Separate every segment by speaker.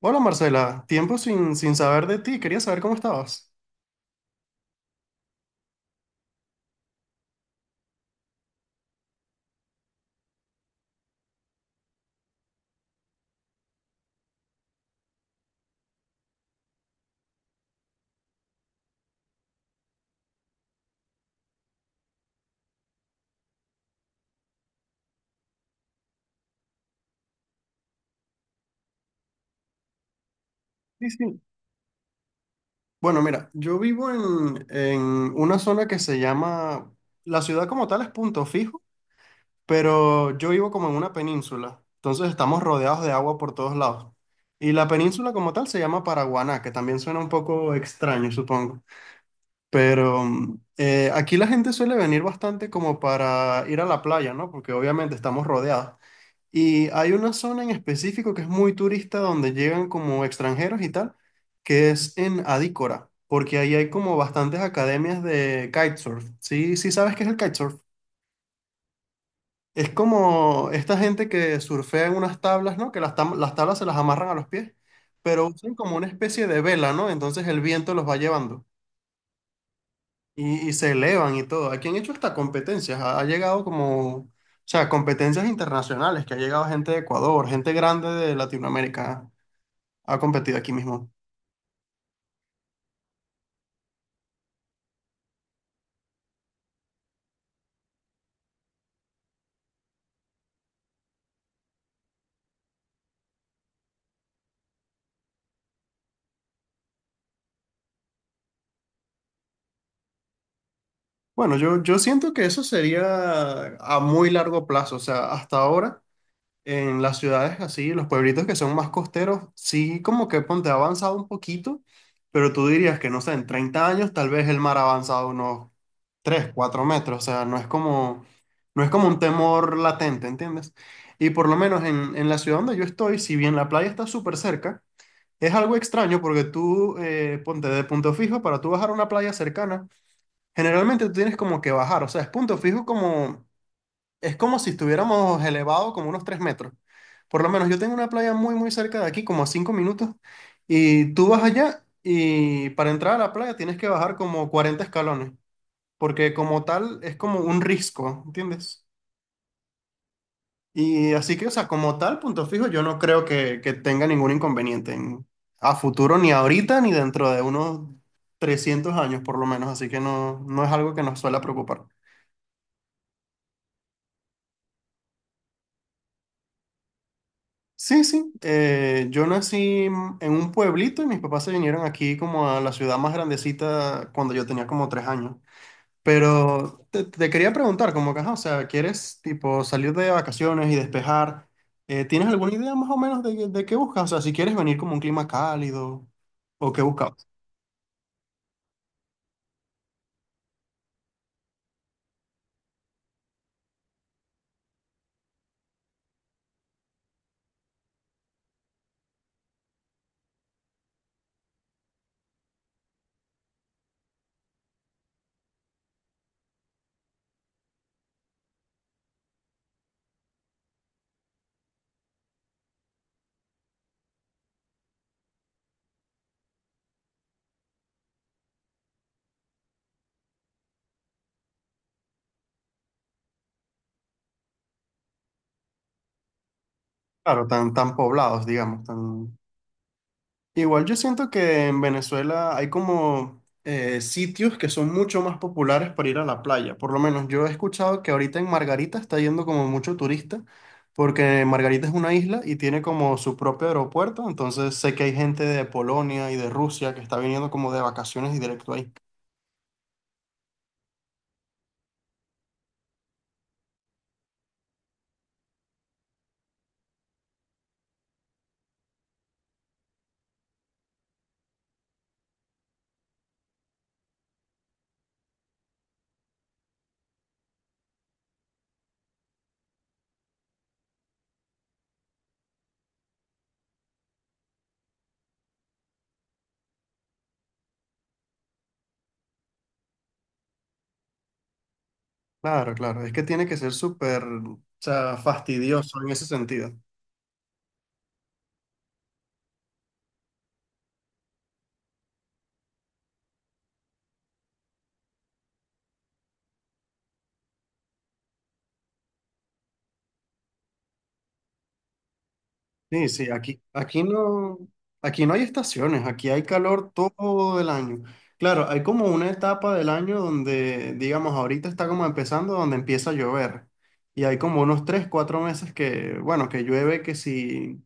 Speaker 1: Hola Marcela, tiempo sin saber de ti, quería saber cómo estabas. Sí, sí. Bueno, mira, yo vivo en una zona la ciudad como tal es Punto Fijo, pero yo vivo como en una península, entonces estamos rodeados de agua por todos lados. Y la península como tal se llama Paraguaná, que también suena un poco extraño, supongo. Pero aquí la gente suele venir bastante como para ir a la playa, ¿no? Porque obviamente estamos rodeados. Y hay una zona en específico que es muy turista donde llegan como extranjeros y tal, que es en Adícora, porque ahí hay como bastantes academias de kitesurf. Sí, sí sabes qué es el kitesurf. Es como esta gente que surfea en unas tablas, ¿no? Que las tablas se las amarran a los pies, pero usan como una especie de vela, ¿no? Entonces el viento los va llevando y se elevan y todo. Aquí han hecho hasta competencias, ha llegado como. O sea, competencias internacionales, que ha llegado gente de Ecuador, gente grande de Latinoamérica. Ha competido aquí mismo. Bueno, yo siento que eso sería a muy largo plazo. O sea, hasta ahora en las ciudades así, los pueblitos que son más costeros, sí como que ponte ha avanzado un poquito, pero tú dirías que no sé, en 30 años tal vez el mar ha avanzado unos 3 4 metros. O sea, no es como un temor latente, ¿entiendes? Y por lo menos en la ciudad donde yo estoy, si bien la playa está súper cerca, es algo extraño porque tú, ponte de Punto Fijo, para tú bajar a una playa cercana, generalmente tú tienes como que bajar, o sea, es Punto Fijo como, es como si estuviéramos elevado como unos 3 metros. Por lo menos yo tengo una playa muy, muy cerca de aquí, como a 5 minutos, y tú vas allá y para entrar a la playa tienes que bajar como 40 escalones, porque como tal es como un risco, ¿entiendes? Y así que, o sea, como tal, Punto Fijo, yo no creo que tenga ningún inconveniente a futuro, ni ahorita, ni dentro de unos 300 años por lo menos, así que no, no es algo que nos suele preocupar. Sí, sí. Yo nací en un pueblito y mis papás se vinieron aquí como a la ciudad más grandecita cuando yo tenía como 3 años. Pero te quería preguntar, como que, ajá, o sea, ¿quieres tipo salir de vacaciones y despejar? ¿Tienes alguna idea más o menos de qué buscas? O sea, si quieres venir como un clima cálido o qué buscas. Claro, tan, tan poblados, digamos, tan. Igual yo siento que en Venezuela hay como sitios que son mucho más populares para ir a la playa. Por lo menos yo he escuchado que ahorita en Margarita está yendo como mucho turista, porque Margarita es una isla y tiene como su propio aeropuerto. Entonces sé que hay gente de Polonia y de Rusia que está viniendo como de vacaciones y directo ahí. Claro, claro. Es que tiene que ser súper, o sea, fastidioso en ese sentido. Sí, sí, aquí no hay estaciones, aquí hay calor todo el año. Claro, hay como una etapa del año donde, digamos, ahorita está como empezando, donde empieza a llover. Y hay como unos 3, 4 meses que, bueno, que llueve que si.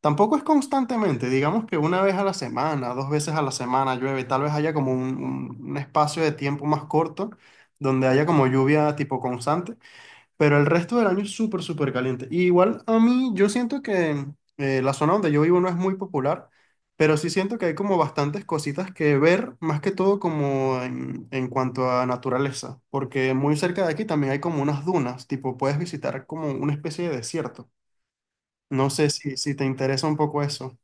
Speaker 1: Tampoco es constantemente, digamos que una vez a la semana, 2 veces a la semana llueve, tal vez haya como un espacio de tiempo más corto donde haya como lluvia tipo constante. Pero el resto del año es súper, súper caliente. Y igual a mí, yo siento que la zona donde yo vivo no es muy popular, pero sí siento que hay como bastantes cositas que ver, más que todo como en cuanto a naturaleza, porque muy cerca de aquí también hay como unas dunas, tipo puedes visitar como una especie de desierto. No sé si te interesa un poco eso.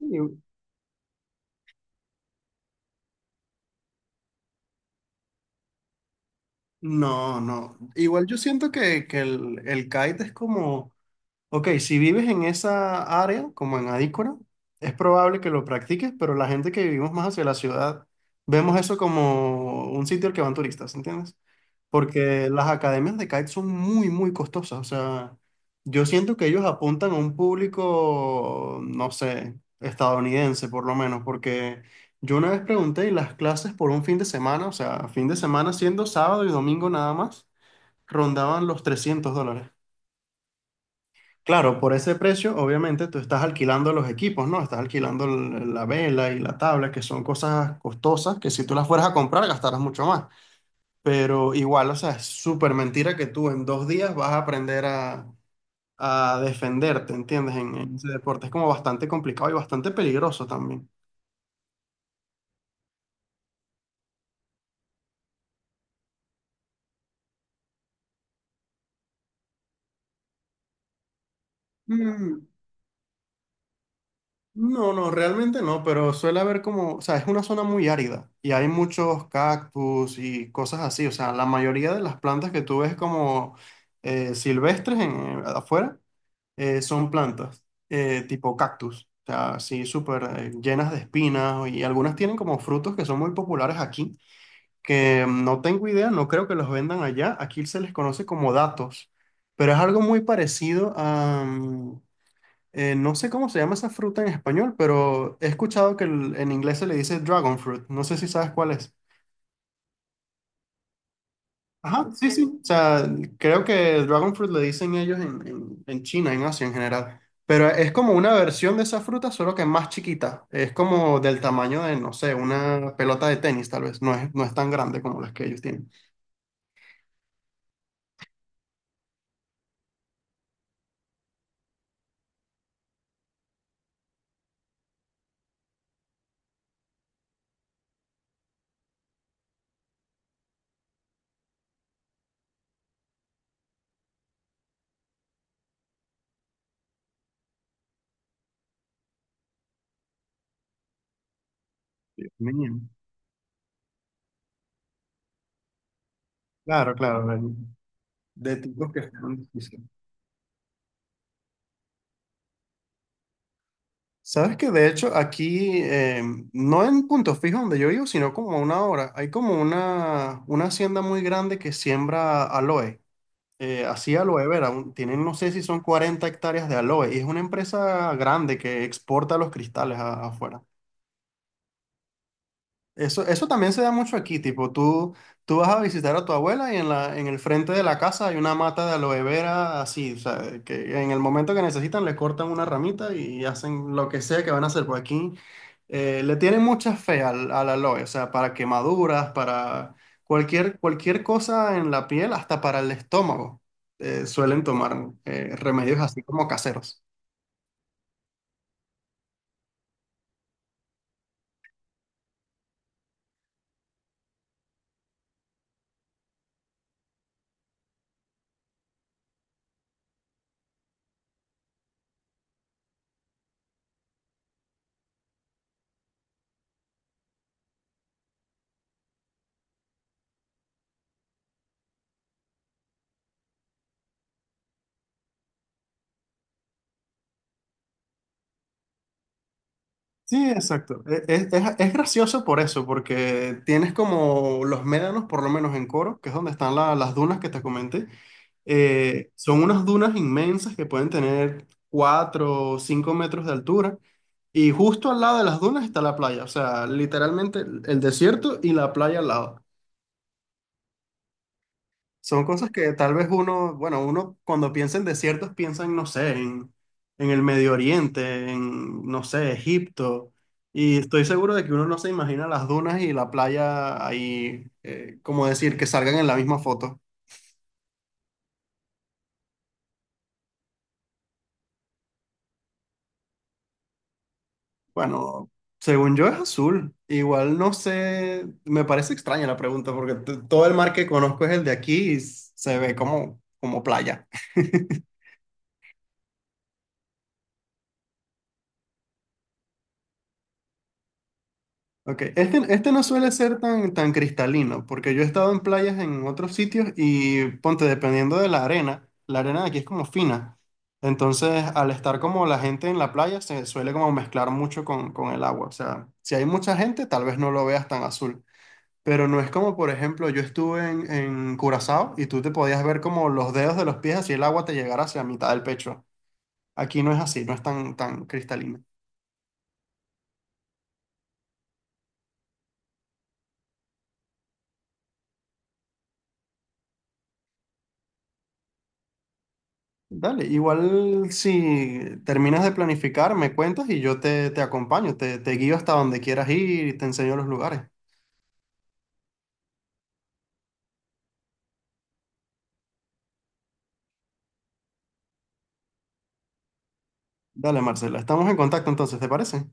Speaker 1: Y- No, no. Igual yo siento que el kite es como. Ok, si vives en esa área, como en Adícora, es probable que lo practiques, pero la gente que vivimos más hacia la ciudad, vemos eso como un sitio al que van turistas, ¿entiendes? Porque las academias de kite son muy, muy costosas. O sea, yo siento que ellos apuntan a un público, no sé, estadounidense por lo menos, porque yo una vez pregunté y las clases por un fin de semana, o sea, fin de semana siendo sábado y domingo nada más, rondaban los $300. Claro, por ese precio, obviamente, tú estás alquilando los equipos, ¿no? Estás alquilando la vela y la tabla, que son cosas costosas que si tú las fueras a comprar gastarás mucho más. Pero igual, o sea, es súper mentira que tú en 2 días vas a aprender a defenderte, ¿entiendes? En ese deporte es como bastante complicado y bastante peligroso también. No, no, realmente no, pero suele haber como, o sea, es una zona muy árida y hay muchos cactus y cosas así, o sea, la mayoría de las plantas que tú ves como silvestres afuera son plantas tipo cactus, o sea, así súper llenas de espinas y algunas tienen como frutos que son muy populares aquí, que no tengo idea, no creo que los vendan allá, aquí se les conoce como datos, pero es algo muy parecido a no sé cómo se llama esa fruta en español, pero he escuchado que en inglés se le dice dragon fruit. No sé si sabes cuál es. Ajá, sí, sí. O sea, creo que el dragon fruit le dicen ellos en, en China, en Asia en general. Pero es como una versión de esa fruta, solo que más chiquita. Es como del tamaño de, no sé, una pelota de tenis, tal vez. No es tan grande como las que ellos tienen. Bien. Claro, claro. De tipos que están. Sí, sí. Sabes que de hecho aquí, no en Punto Fijo donde yo vivo, sino como a una hora, hay como una hacienda muy grande que siembra aloe, así aloe vera, tienen no sé si son 40 hectáreas de aloe y es una empresa grande que exporta los cristales afuera. Eso también se da mucho aquí, tipo, tú vas a visitar a tu abuela y en el frente de la casa hay una mata de aloe vera así, o sea, que en el momento que necesitan le cortan una ramita y hacen lo que sea que van a hacer. Por aquí le tienen mucha fe al aloe, o sea, para quemaduras, para cualquier cosa en la piel, hasta para el estómago, suelen tomar remedios así como caseros. Sí, exacto. Es gracioso por eso, porque tienes como los médanos, por lo menos en Coro, que es donde están las dunas que te comenté. Son unas dunas inmensas que pueden tener 4 o 5 metros de altura. Y justo al lado de las dunas está la playa. O sea, literalmente el desierto y la playa al lado. Son cosas que tal vez uno, bueno, uno cuando piensa en desiertos piensa en, no sé, en el Medio Oriente, en, no sé, Egipto. Y estoy seguro de que uno no se imagina las dunas y la playa ahí, como decir, que salgan en la misma foto. Bueno, según yo es azul. Igual no sé, me parece extraña la pregunta porque todo el mar que conozco es el de aquí y se ve como playa. Ok, este no suele ser tan, tan cristalino, porque yo he estado en playas en otros sitios y ponte, dependiendo de la arena de aquí es como fina. Entonces, al estar como la gente en la playa, se suele como mezclar mucho con el agua. O sea, si hay mucha gente, tal vez no lo veas tan azul. Pero no es como, por ejemplo, yo estuve en Curazao y tú te podías ver como los dedos de los pies así el agua te llegara hacia mitad del pecho. Aquí no es así, no es tan, tan cristalino. Dale, igual si terminas de planificar, me cuentas y yo te acompaño, te guío hasta donde quieras ir y te enseño los lugares. Dale, Marcela, estamos en contacto entonces, ¿te parece?